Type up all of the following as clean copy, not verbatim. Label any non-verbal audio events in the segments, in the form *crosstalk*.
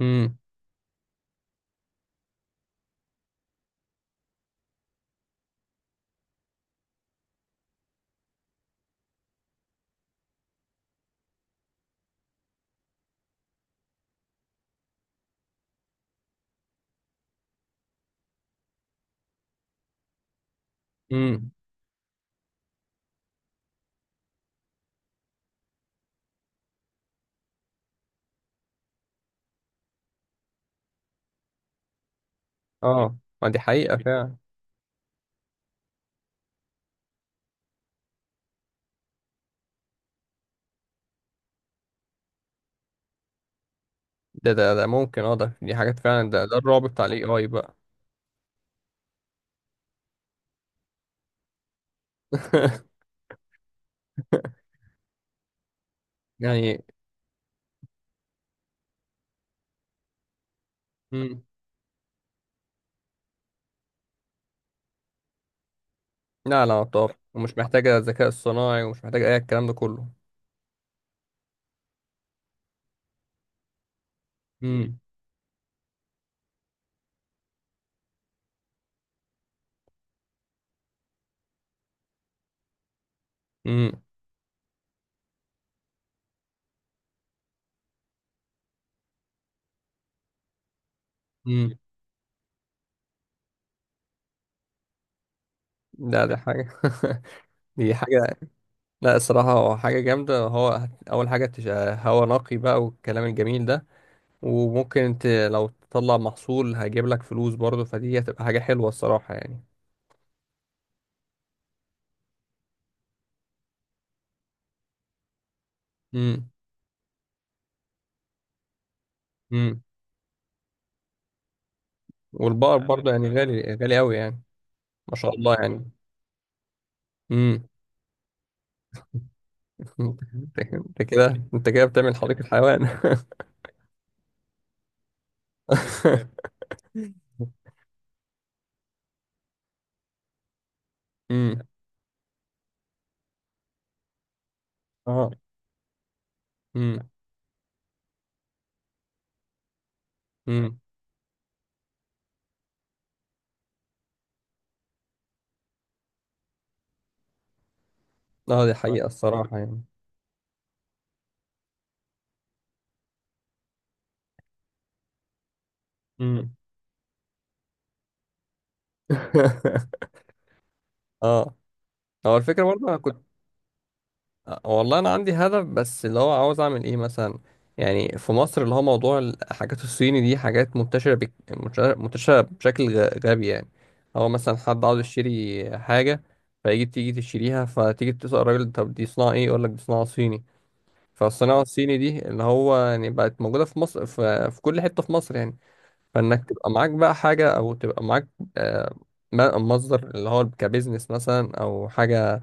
امم امم اه، ما دي حقيقة فعلا. ده ممكن، اه، دي حاجات فعلا. ده الرعب بتاع الاي اي بقى. *laughs* يعني. امم لا، لا، طبعا، ومش محتاجة الذكاء الصناعي ومش محتاجة اي الكلام ده كله. امم امم امم لا، دي حاجة. *laughs* دي حاجة. لا، الصراحة هو حاجة جامدة. هو أول حاجة هوا نقي بقى والكلام الجميل ده. وممكن انت لو تطلع محصول هيجيب لك فلوس برضه، فدي هتبقى حاجة حلوة الصراحة يعني. امم امم والبقر برضه يعني غالي غالي أوي يعني. ما شاء الله يعني. امم *laughs* انت كده. انت كده بتعمل حديقة حيوان. *laughs* امم اه. امم امم اه، دي حقيقة الصراحة يعني. امم *laughs* اه. هو الفكرة برضه انا كنت. والله انا عندي هدف، بس اللي هو عاوز اعمل ايه مثلا. يعني في مصر اللي هو موضوع الحاجات الصيني دي حاجات منتشرة بشكل غبي يعني. هو مثلا حد عاوز يشتري حاجة، تيجي تشتريها، فتيجي تسأل الراجل: طب دي صناعة ايه؟ يقول لك: دي صناعة صيني. فالصناعة الصيني دي اللي هو يعني بقت موجودة في مصر، في كل حتة في مصر يعني. فإنك تبقى معاك بقى حاجة أو تبقى معاك آه، مصدر اللي هو كبزنس مثلا أو حاجة.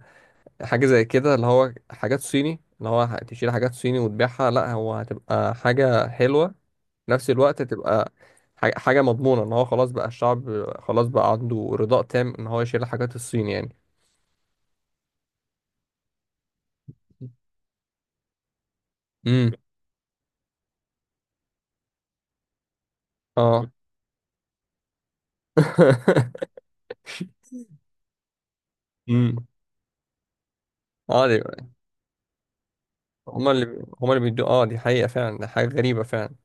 حاجة زي كده اللي هو حاجات صيني، اللي هو تشيل حاجات صيني وتبيعها. لا، هو هتبقى حاجة حلوة في نفس الوقت. تبقى حاجة مضمونة إن هو خلاص بقى الشعب خلاص بقى عنده رضاء تام إن هو يشيل الحاجات الصيني يعني. امم اه. *laughs* امم اه. هما اللي بيدوا. اه، دي حقيقة فعلا. ده حاجة غريبة فعلا.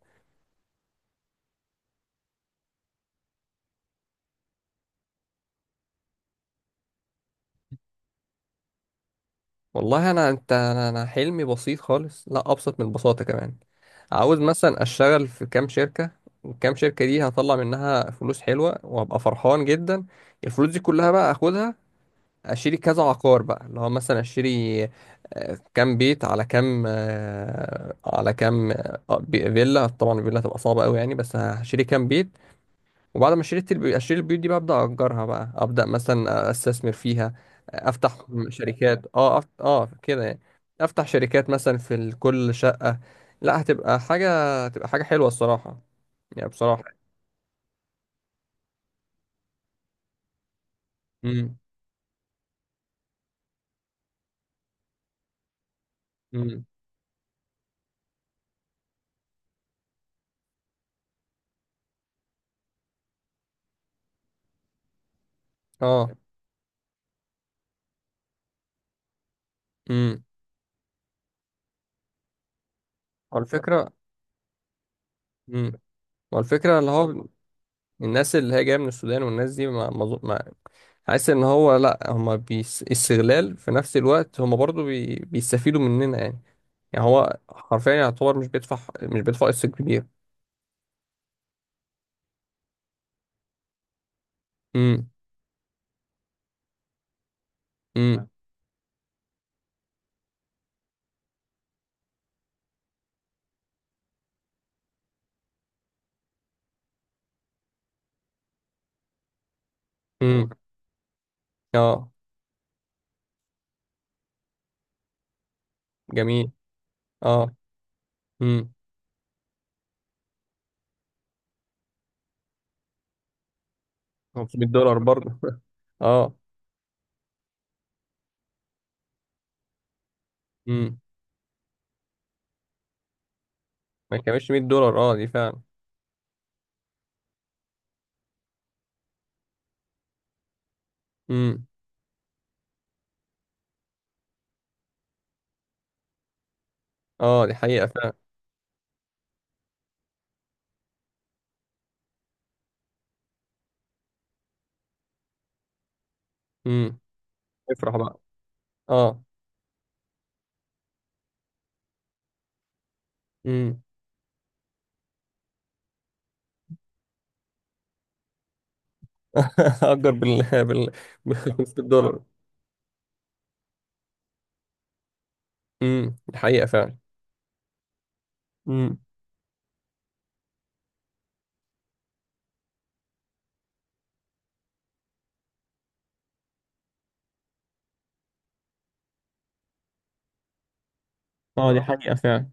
والله انا انت انا أنا حلمي بسيط خالص، لا، ابسط من البساطة كمان. عاوز مثلا اشتغل في كام شركة. الكام شركة دي هطلع منها فلوس حلوة وابقى فرحان جدا. الفلوس دي كلها بقى اخدها، اشتري كذا عقار بقى اللي هو مثلا اشتري كام بيت على كام فيلا. طبعا الفيلا هتبقى صعبة قوي يعني، بس هشتري كام بيت. وبعد ما اشتريت البيوت، اشتري البيوت دي بقى ابدا اجرها بقى، ابدا مثلا استثمر فيها. افتح شركات. اه أفت... اه كده يعني. افتح شركات مثلا في كل شقة. لا، هتبقى حاجة. تبقى حاجة حلوة الصراحة يعني، بصراحة. امم امم اه. امم والفكرة امم والفكرة اللي هو الناس اللي هي جاية من السودان، والناس دي ما ما أظن- حاسس ان هو لا هما استغلال، في نفس الوقت هما برضو بيستفيدوا مننا يعني. يعني هو حرفيا يعتبر مش بيدفع قسط كبير. امم امم امم اه. جميل. اه. امم $500 برضه. *laughs* اه. امم ما كانش $100. اه، دي فعلا. امم اه، دي حقيقة فعلا. امم افرح بقى. اه. امم *laughs* اجر بال $500. دي حقيقة فعلا. امم اه، دي حقيقة فعلا.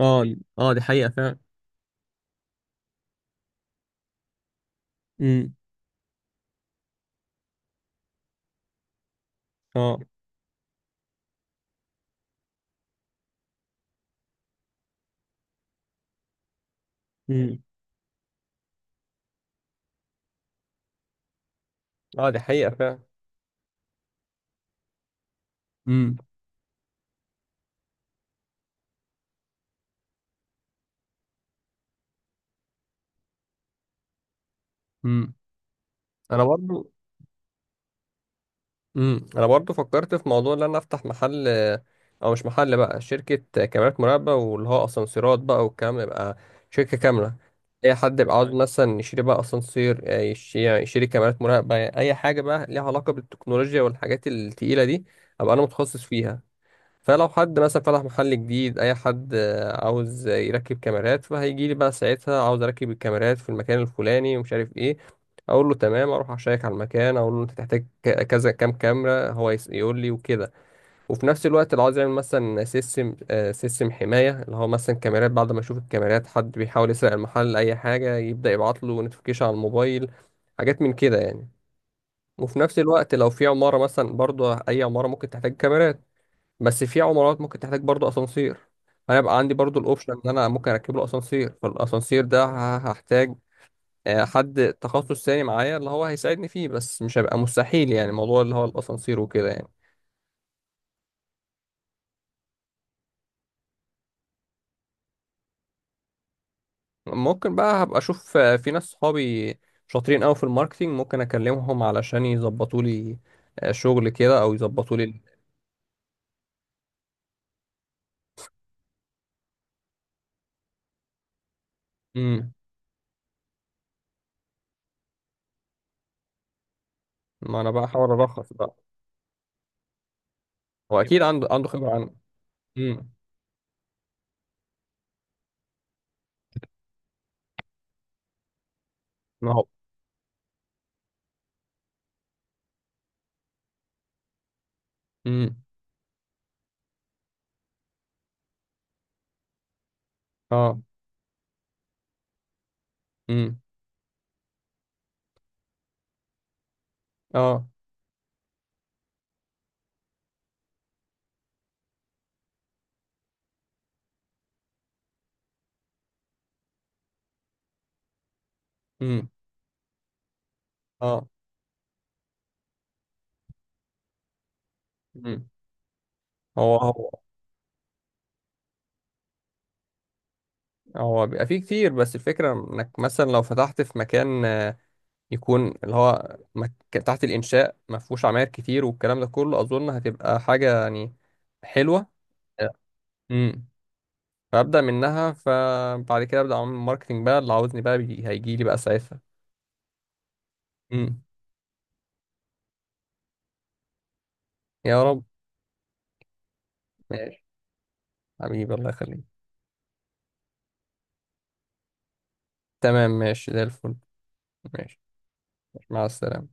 اه اه، دي حقيقة فعلا. امم اه. امم اه، دي حقيقة فعلا. امم امم انا برضو انا برضو فكرت في موضوع ان انا افتح محل، او مش محل بقى، شركة كاميرات مراقبة، واللي هو اسانسيرات بقى والكلام ده يبقى شركة كاملة. اي حد يبقى عاوز مثلا يشتري بقى اسانسير، يشتري كاميرات مراقبة، اي حاجة بقى ليها علاقة بالتكنولوجيا والحاجات التقيلة دي، ابقى انا متخصص فيها. فلو حد مثلا فتح محل جديد، اي حد عاوز يركب كاميرات، فهيجي لي بقى ساعتها: عاوز اركب الكاميرات في المكان الفلاني ومش عارف ايه. اقول له تمام، اروح اشيك على المكان، اقول له انت تحتاج كذا، كام كاميرا، هو يقول لي، وكده. وفي نفس الوقت لو عاوز يعمل مثلا سيستم حمايه، اللي هو مثلا كاميرات بعد ما يشوف الكاميرات حد بيحاول يسرق المحل اي حاجه، يبدا يبعت له نوتيفيكيشن على الموبايل. حاجات من كده يعني. وفي نفس الوقت لو في عماره مثلا، برضه اي عماره ممكن تحتاج كاميرات، بس في عمارات ممكن تحتاج برضو اسانسير. انا بقى عندي برضو الاوبشن ان انا ممكن اركب له اسانسير. فالاسانسير ده هحتاج حد تخصص تاني معايا، اللي هو هيساعدني فيه، بس مش هيبقى مستحيل يعني موضوع اللي هو الاسانسير وكده يعني. ممكن بقى هبقى اشوف، في ناس صحابي شاطرين قوي في الماركتينج، ممكن اكلمهم علشان يظبطوا لي شغل كده، او يظبطوا لي. امم ما انا بقى احاول ارخص بقى. هو اكيد عنده خبرة عنه. امم ما هو. امم اه. امم اه. امم اه. مم. هو هو بيبقى فيه كتير، بس الفكرة انك مثلا لو فتحت في مكان يكون اللي هو تحت الإنشاء، ما فيهوش عماير كتير والكلام ده كله، أظن هتبقى حاجة يعني حلوة. امم فأبدأ منها. فبعد كده أبدأ أعمل ماركتينج بقى، اللي عاوزني بقى هيجي لي بقى ساعتها. امم يا رب. ماشي. حبيبي الله يخليك. تمام ماشي زي الفل. ماشي. ماشي، مع السلامة.